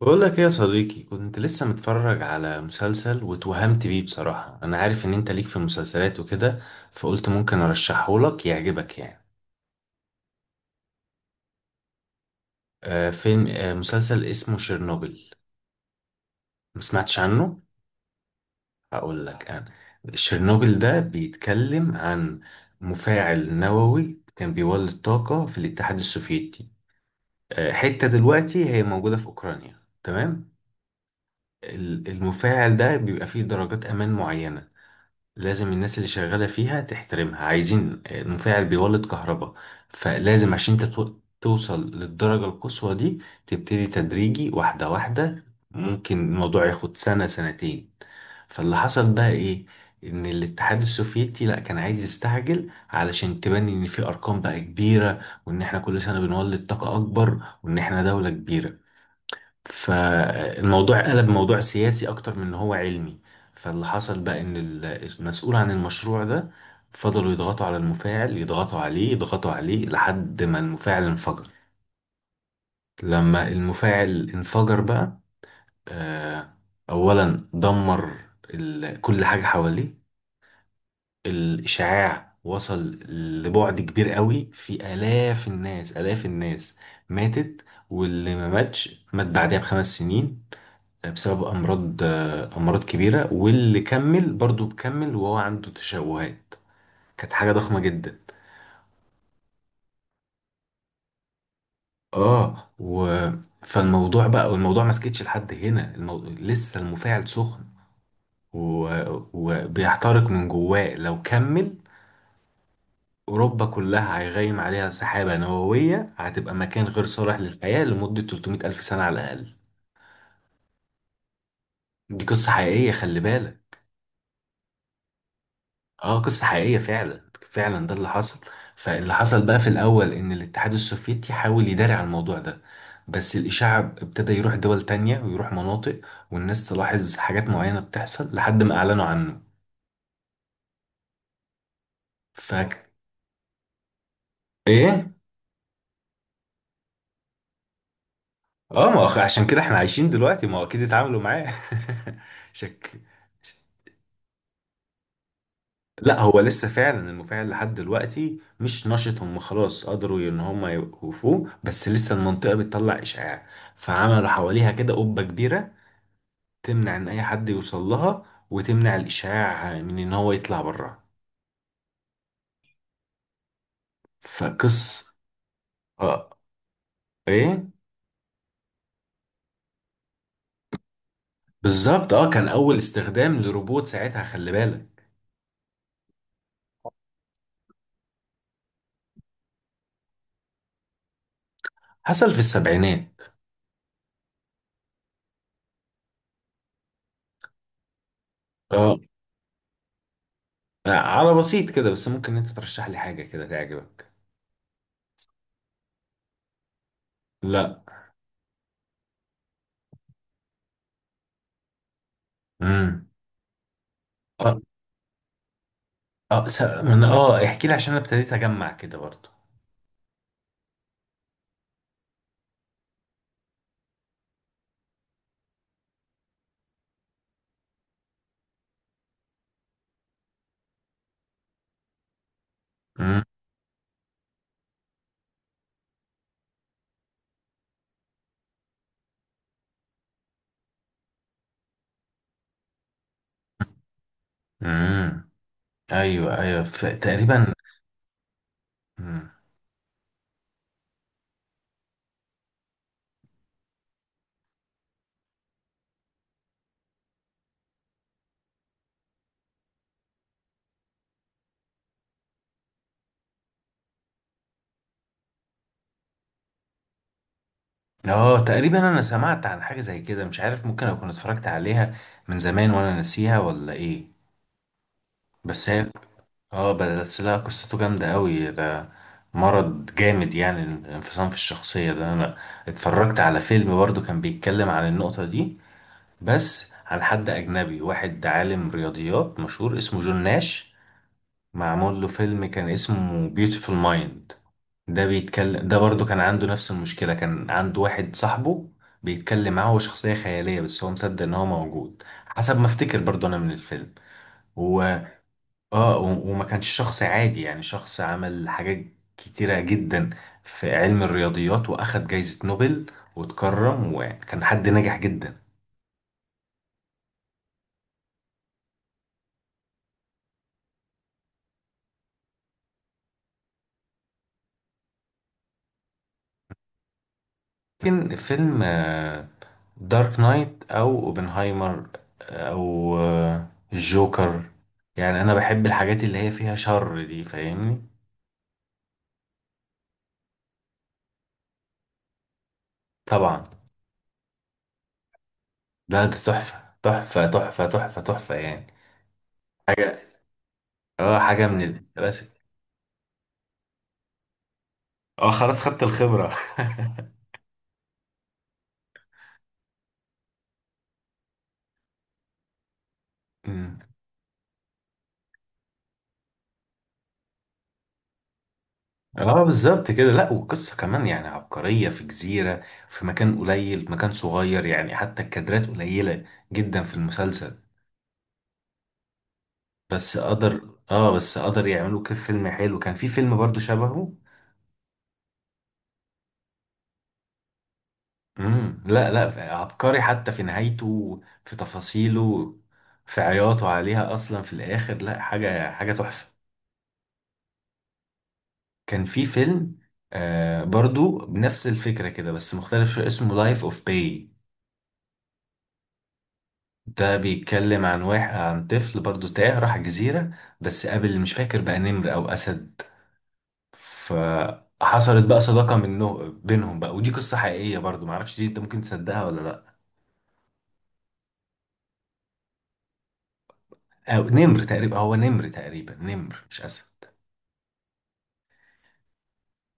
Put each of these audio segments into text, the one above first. بقول لك ايه يا صديقي، كنت لسه متفرج على مسلسل واتوهمت بيه بصراحة. انا عارف ان انت ليك في المسلسلات وكده، فقلت ممكن ارشحه لك يعجبك يعني. آه فيلم آه مسلسل اسمه شيرنوبل. ما سمعتش عنه. هقول لك انا. شيرنوبل ده بيتكلم عن مفاعل نووي كان بيولد طاقة في الاتحاد السوفيتي. حتة دلوقتي هي موجودة في اوكرانيا، تمام. المفاعل ده بيبقى فيه درجات امان معينة، لازم الناس اللي شغالة فيها تحترمها. عايزين مفاعل بيولد كهرباء، فلازم عشان انت توصل للدرجة القصوى دي، تبتدي تدريجي واحدة واحدة. ممكن الموضوع ياخد سنة سنتين. فاللي حصل بقى ايه؟ ان الاتحاد السوفيتي لا كان عايز يستعجل، علشان تبني ان في ارقام بقى كبيرة، وان احنا كل سنة بنولد طاقة اكبر، وان احنا دولة كبيرة. فالموضوع قلب موضوع سياسي اكتر من ان هو علمي. فاللي حصل بقى ان المسؤول عن المشروع ده فضلوا يضغطوا على المفاعل، يضغطوا عليه، يضغطوا عليه، لحد ما المفاعل انفجر. لما المفاعل انفجر بقى، آه، اولا دمر كل حاجة حواليه. الاشعاع وصل لبعد كبير قوي، في الاف الناس الاف الناس ماتت، واللي ما ماتش مات بعدها بخمس سنين بسبب امراض، امراض كبيره. واللي كمل برضو بكمل وهو عنده تشوهات. كانت حاجه ضخمه جدا. اه و فالموضوع بقى، والموضوع ما سكتش لحد هنا. لسه المفاعل سخن و... وبيحترق من جواه، لو كمل اوروبا كلها هيغيم عليها سحابه نوويه، هتبقى مكان غير صالح للحياه لمده 300 الف سنه على الاقل. دي قصه حقيقيه، خلي بالك. اه، قصة حقيقية فعلا، فعلا ده اللي حصل. فاللي حصل بقى في الأول إن الاتحاد السوفيتي حاول يداري على الموضوع ده، بس الإشاعة ابتدى يروح دول تانية ويروح مناطق والناس تلاحظ حاجات معينة بتحصل لحد ما أعلنوا عنه. فاك إيه؟ اه، ما هو عشان كده احنا عايشين دلوقتي، ما هو أكيد اتعاملوا معاه. شك. لا، هو لسه فعلا المفاعل لحد دلوقتي مش نشط، هم خلاص قدروا ان هم يوقفوه، بس لسه المنطقة بتطلع إشعاع. فعملوا حواليها كده قبة كبيرة تمنع ان اي حد يوصل لها وتمنع الاشاعة من ان هو يطلع بره. فقص اه ايه بالظبط. اه كان اول استخدام لروبوت ساعتها، خلي بالك. حصل في السبعينات. اه على بسيط كده، بس ممكن انت ترشح لي حاجة كده تعجبك. لا. امم. اه اه س... من اه احكي لي، عشان انا ابتديت اجمع كده برضو. امم. امم. ايوه ايوه تقريبا. مم. اه تقريبا انا سمعت عن حاجة زي كده، مش عارف ممكن اكون اتفرجت عليها من زمان وانا ناسيها ولا ايه. بس هي اه بس لها قصته جامدة قوي ده. مرض جامد، يعني الانفصام في الشخصية ده. انا اتفرجت على فيلم برضو كان بيتكلم عن النقطة دي، بس عن حد اجنبي، واحد عالم رياضيات مشهور اسمه جون ناش. معمول له فيلم كان اسمه بيوتيفول مايند، ده بيتكلم ده برضو كان عنده نفس المشكلة، كان عنده واحد صاحبه بيتكلم معاه، هو شخصية خيالية بس هو مصدق ان هو موجود، حسب ما افتكر برضو انا من الفيلم. و... وما كانش شخص عادي، يعني شخص عمل حاجات كتيرة جدا في علم الرياضيات، واخد جايزة نوبل واتكرم، وكان حد ناجح جدا. لكن فيلم دارك نايت او اوبنهايمر او الجوكر، يعني انا بحب الحاجات اللي هي فيها شر دي، فاهمني. طبعا. لا، ده تحفة تحفة تحفة تحفة تحفة يعني. حاجة، اه حاجة من الكلاسيك. اه خلاص، خدت الخبرة. مم. اه بالظبط كده. لا والقصة كمان يعني عبقرية، في جزيرة، في مكان قليل، مكان صغير، يعني حتى الكادرات قليلة جدا في المسلسل، بس قدر يعملوا كيف فيلم حلو. كان في فيلم برضو شبهه. امم. لا لا، عبقري حتى في نهايته، في تفاصيله، في عياطه عليها اصلا في الاخر، لا، حاجه، حاجه تحفه. كان في فيلم برضو بنفس الفكره كده، بس مختلف شويه، اسمه لايف اوف باي. ده بيتكلم عن واحد، عن طفل برضو تاه راح جزيره، بس قابل مش فاكر بقى نمر او اسد، فحصلت بقى صداقه منه بينهم بقى، ودي قصه حقيقيه برضو، معرفش دي انت ممكن تصدقها ولا لا. أو نمر تقريبا، هو نمر تقريبا، نمر مش اسد.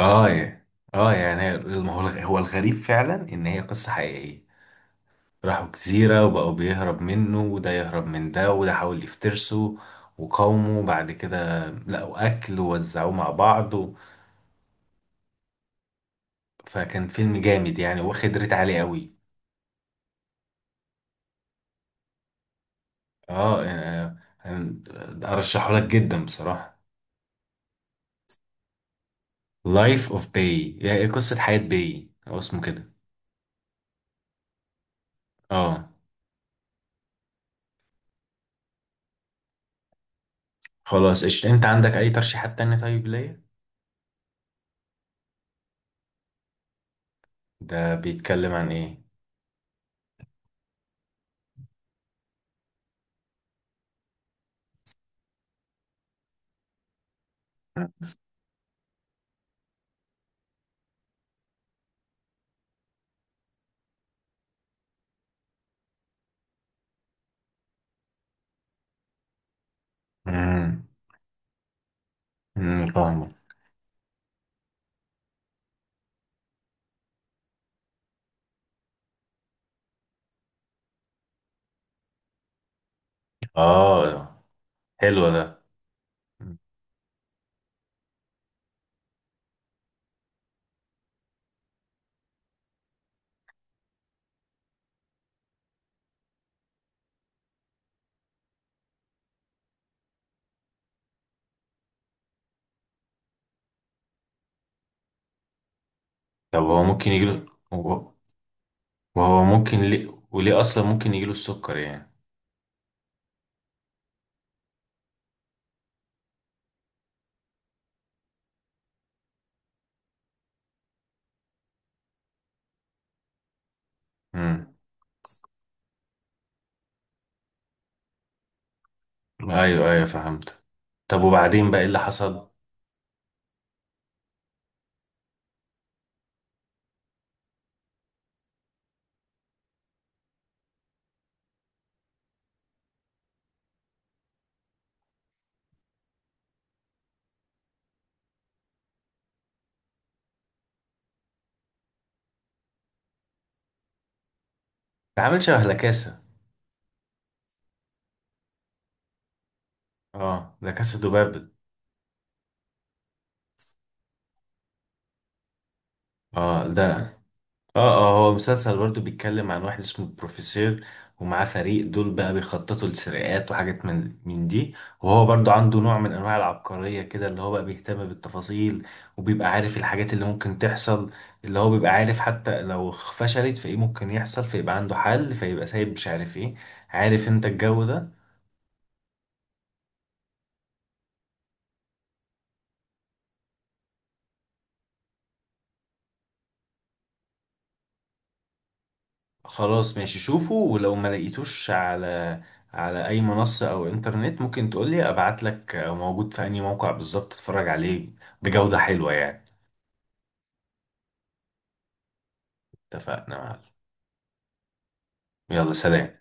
اه يا- اه يعني ما هو الغ- هو الغريب فعلا ان هي قصة حقيقية. راحوا جزيرة وبقوا بيهرب منه، وده يهرب من ده، وده حاول يفترسه وقاومه. بعد كده لقوا اكل ووزعوه مع بعض فكان فيلم جامد يعني، واخد ريت عالي قوي. اه آه، آه، ارشحه لك جدا بصراحة. لايف اوف باي، يعني قصة حياة باي، هو اسمه كده. اه، خلاص قشطة. انت عندك اي ترشيحات تانية طيب ليا؟ ده بيتكلم عن ايه؟ مم. امم، فاهمك. اه، حلو ده. مم. طب هو ممكن يجيله؟ هو- وهو ممكن ليه، وليه اصلا ممكن يجيله السكر يعني. امم. ايوه ايوه، فهمت. طب وبعدين بقى ايه اللي حصل؟ ده عامل شبه لاكاسا. اه لاكاسا دوبابل. اه ده، اه هو مسلسل برضه بيتكلم عن واحد اسمه بروفيسور، ومعاه فريق دول بقى بيخططوا لسرقات وحاجات من دي. وهو برضه عنده نوع من انواع العبقرية كده، اللي هو بقى بيهتم بالتفاصيل وبيبقى عارف الحاجات اللي ممكن تحصل. اللي هو بيبقى عارف حتى لو فشلت، فايه ممكن يحصل، فيبقى عنده حل، فيبقى سايب مش عارف ايه. عارف انت الجو ده. خلاص ماشي، شوفه. ولو ما لقيتوش على اي منصة او انترنت، ممكن تقولي ابعت لك موجود في اي موقع بالظبط تتفرج عليه بجودة حلوة يعني. اتفقنا يا معلم. يلا سلام.